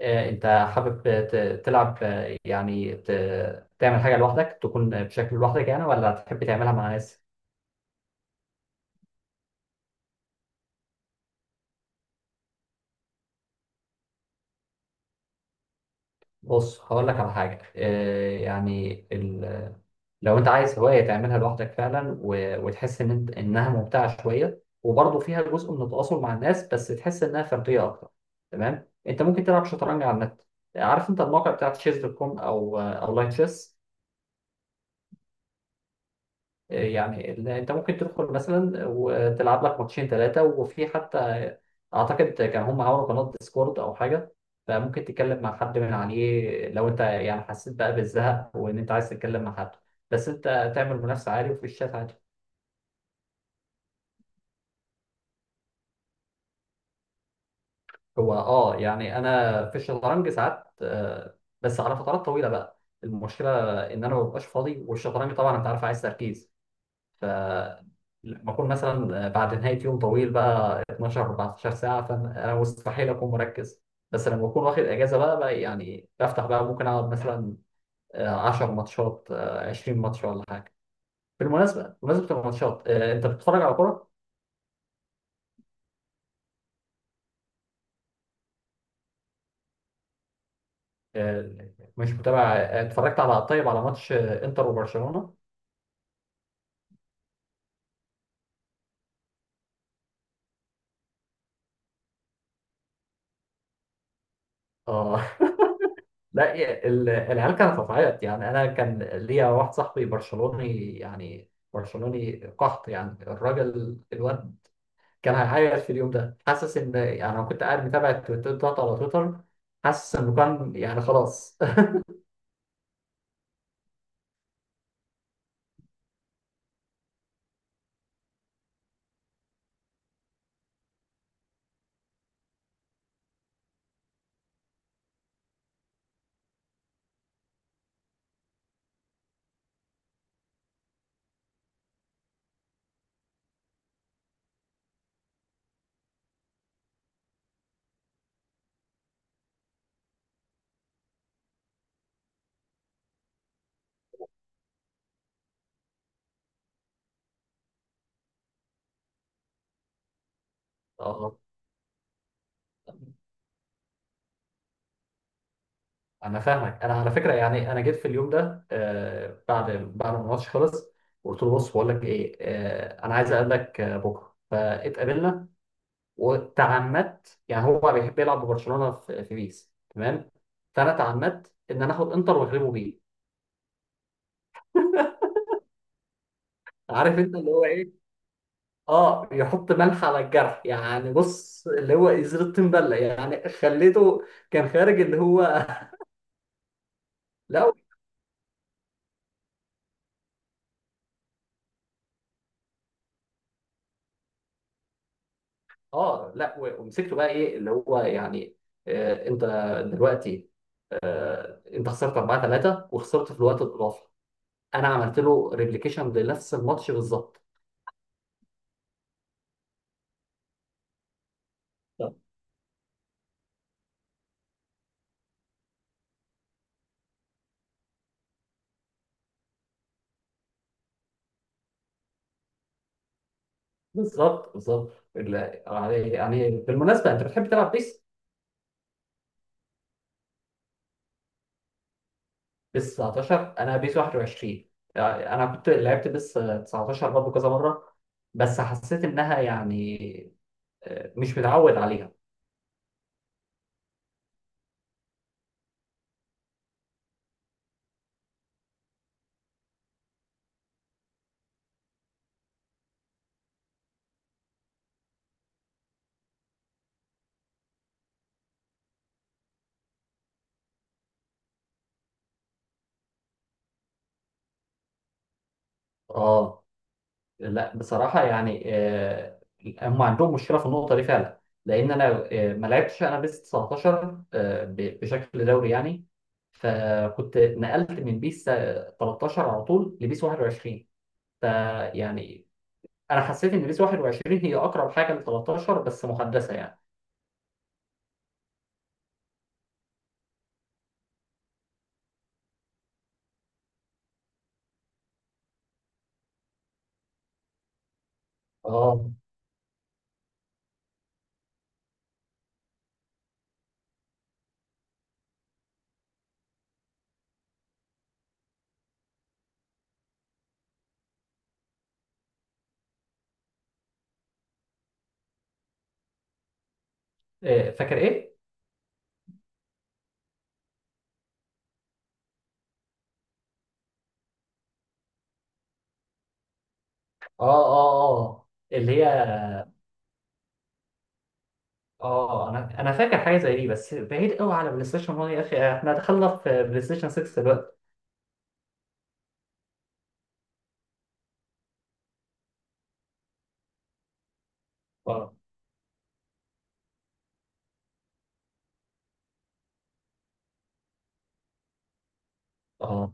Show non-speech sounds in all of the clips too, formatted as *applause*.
انت حابب تلعب، يعني تعمل حاجه لوحدك، تكون بشكل لوحدك يعني، ولا تحب تعملها مع ناس؟ بص، هقول لك على حاجه، يعني لو انت عايز هوايه تعملها لوحدك فعلا، وتحس ان انت انها ممتعه شويه، وبرضه فيها جزء من التواصل مع الناس، بس تحس انها فرديه اكتر. تمام، انت ممكن تلعب شطرنج على النت. عارف انت الموقع بتاع تشيز دوت كوم، او او لايك تشيس. يعني انت ممكن تدخل مثلا وتلعب لك ماتشين ثلاثه، وفي حتى اعتقد كان هم عملوا قناه ديسكورد او حاجه، فممكن تتكلم مع حد من عليه لو انت يعني حسيت بقى بالزهق، وان انت عايز تتكلم مع حد. بس انت تعمل منافسه عالي، وفي الشات عادي. هو اه، يعني انا في الشطرنج ساعات، بس على فترات طويله بقى. المشكله ان انا ما ببقاش فاضي، والشطرنج طبعا انت عارف، عايز تركيز. لما اكون مثلا بعد نهايه يوم طويل بقى 12 14 ساعه، فانا مستحيل اكون مركز. بس لما اكون واخد اجازه بقى، بقى يعني بفتح، بقى ممكن اقعد مثلا 10 ماتشات، 20 ماتش ولا حاجه. بمناسبه الماتشات، انت بتتفرج على كوره؟ آه، مش متابع. اتفرجت على، طيب، على ماتش انتر وبرشلونه. اه. *laughs* لا، العيال كانت هتعيط، يعني انا كان ليا واحد صاحبي برشلوني، يعني برشلوني قحط، يعني الراجل الواد كان هيعيط في اليوم ده، حاسس ان، يعني انا كنت قاعد متابع التويتر بتاعته على تويتر، حاسس انه كان يعني خلاص. *laughs* اه، انا فاهمك، انا على فكره، يعني انا جيت في اليوم ده بعد ما الماتش خلص. قلت له: بص، بقول لك ايه، انا عايز اقابلك بكره، فاتقابلنا. وتعمدت، يعني هو بيحب يلعب ببرشلونه في بيس، تمام؟ فانا تعمدت ان انا اخد انتر واغلبه بيه. *laughs* عارف انت اللي هو ايه. اه، يحط ملح على الجرح، يعني بص، اللي هو إزازة تنبلة، يعني خليته كان خارج اللي هو. *laughs* لا، اه، لا، ومسكته بقى، ايه اللي هو يعني، انت دلوقتي، انت خسرت 4-3، وخسرت في الوقت الاضافي. انا عملت له ريبليكيشن لنفس الماتش بالظبط. طب. بالظبط، بالظبط. لا، يعني يعني بالمناسبة، انت بتحب تلعب بيس؟ بيس 19، انا بيس 21. يعني انا كنت لعبت بيس 19 برضه كذا مره، بس حسيت انها يعني مش متعود عليها. اه، لا، بصراحه يعني هم عندهم مشكله في النقطه دي فعلا، لان انا ما لعبتش انا بيس 19 بشكل دوري يعني. فكنت نقلت من بيس 13 على طول لبيس 21، فيعني انا حسيت ان بيس 21 هي اقرب حاجه ل 13، بس محدثه يعني. اه. فاكر ايه؟ اه، اه، اه، اللي هي. اه، انا فاكر حاجه زي دي، بس بعيد قوي. على بلاي ستيشن 1؟ يا اخي، احنا دخلنا في بلاي ستيشن 6 دلوقتي. اه، اه،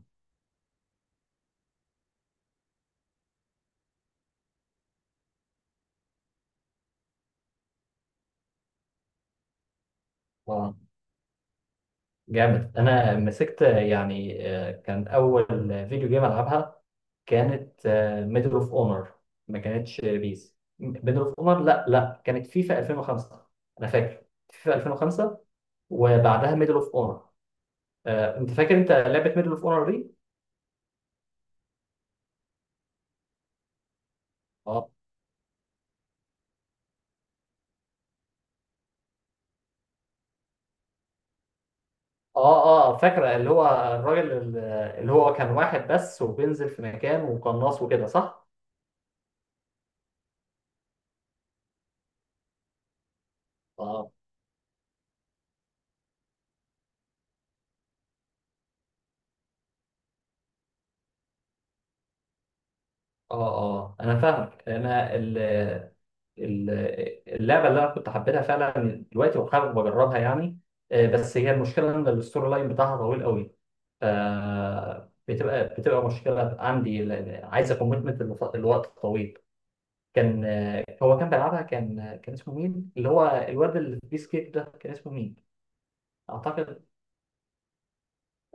اه. جامد. انا مسكت، يعني كان اول فيديو جيم العبها، كانت ميدل اوف اونر. ما كانتش بيس، ميدل اوف اونر. لا، لا، كانت فيفا 2005. انا فاكر فيفا 2005، وبعدها ميدل اوف اونر. انت فاكر انت لعبه ميدل اوف اونر دي؟ اه، اه، اه. فاكره. اللي هو الراجل اللي هو كان واحد بس، وبينزل في مكان، وقناص وكده، صح؟ اه، اه، اه، انا فاهمك. انا ال- اللعبه اللي انا كنت حبيتها فعلا دلوقتي، وحابب اجربها يعني، بس هي المشكله ان الستوري لاين بتاعها طويل قوي. ف، بتبقى مشكله عندي، لأن عايزه كوميتمنت لوقت طويل. كان آه، هو كان بيلعبها، كان اسمه مين، اللي هو الواد اللي في بيس كيك ده كان اسمه مين؟ اعتقد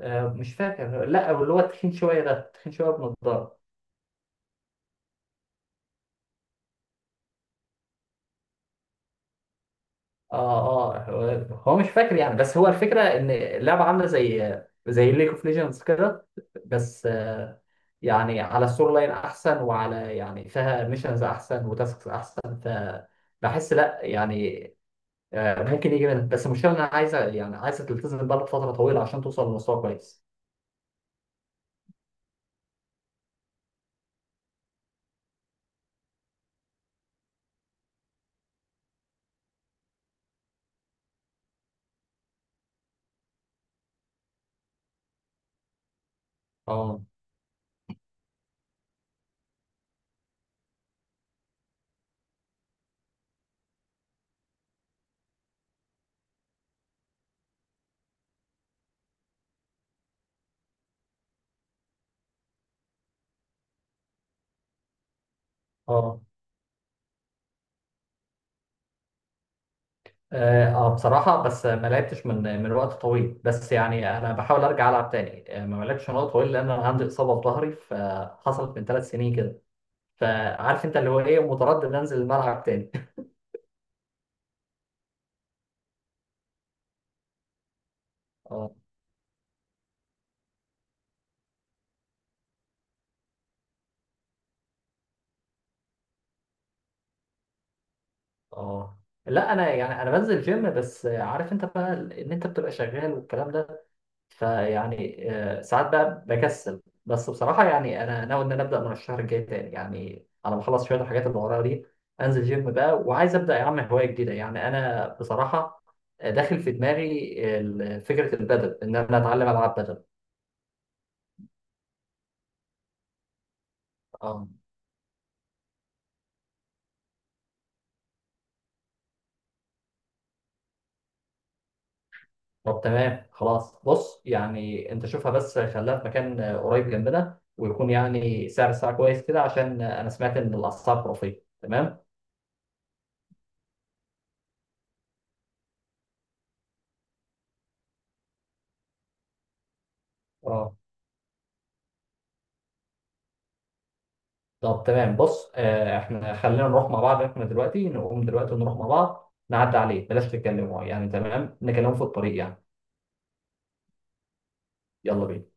مش فاكر. لا، اللي هو التخين شويه ده، تخين شويه بنضاره. اه، اه، هو مش فاكر يعني، بس هو الفكره ان اللعبه عامله زي ليج اوف ليجندز كده، بس يعني على السور لاين احسن، وعلى يعني فيها ميشنز احسن وتاسكس احسن، فبحس لا يعني، ممكن يجي منها، بس المشكله إن انا عايزه، يعني عايزه تلتزم بقى فتره طويله عشان توصل لمستوى كويس. اه، اه، اه. بصراحة، بس ما لعبتش من وقت طويل، بس يعني انا بحاول ارجع العب تاني. ما لعبتش من وقت طويل، لان انا عندي اصابة في ظهري فحصلت من 3 سنين كده. فعارف انت اللي هو ايه، متردد انزل الملعب تاني. *laughs* اه، اه، لا، انا يعني انا بنزل جيم، بس عارف انت بقى ان انت بتبقى شغال والكلام ده. فيعني ساعات بقى بكسل، بس بصراحة يعني أنا ناوي إن أنا أبدأ من الشهر الجاي تاني، يعني أنا بخلص شوية الحاجات اللي ورايا دي. أنزل جيم بقى، وعايز أبدأ يا عم هواية جديدة. يعني أنا بصراحة داخل في دماغي فكرة البدل، إن أنا أتعلم ألعب بدل. آه. طب، تمام، خلاص. بص، يعني أنت شوفها، بس خليها في مكان قريب جنبنا، ويكون يعني سعر الساعة كويس كده، عشان أنا سمعت إن الأسعار خرافية. تمام؟ اه، طب تمام. بص، احنا خلينا نروح مع بعض، احنا دلوقتي نقوم دلوقتي ونروح مع بعض، نعدي عليه بلاش تتكلموا يعني، تمام، نكلمه في الطريق يعني. يلا بينا.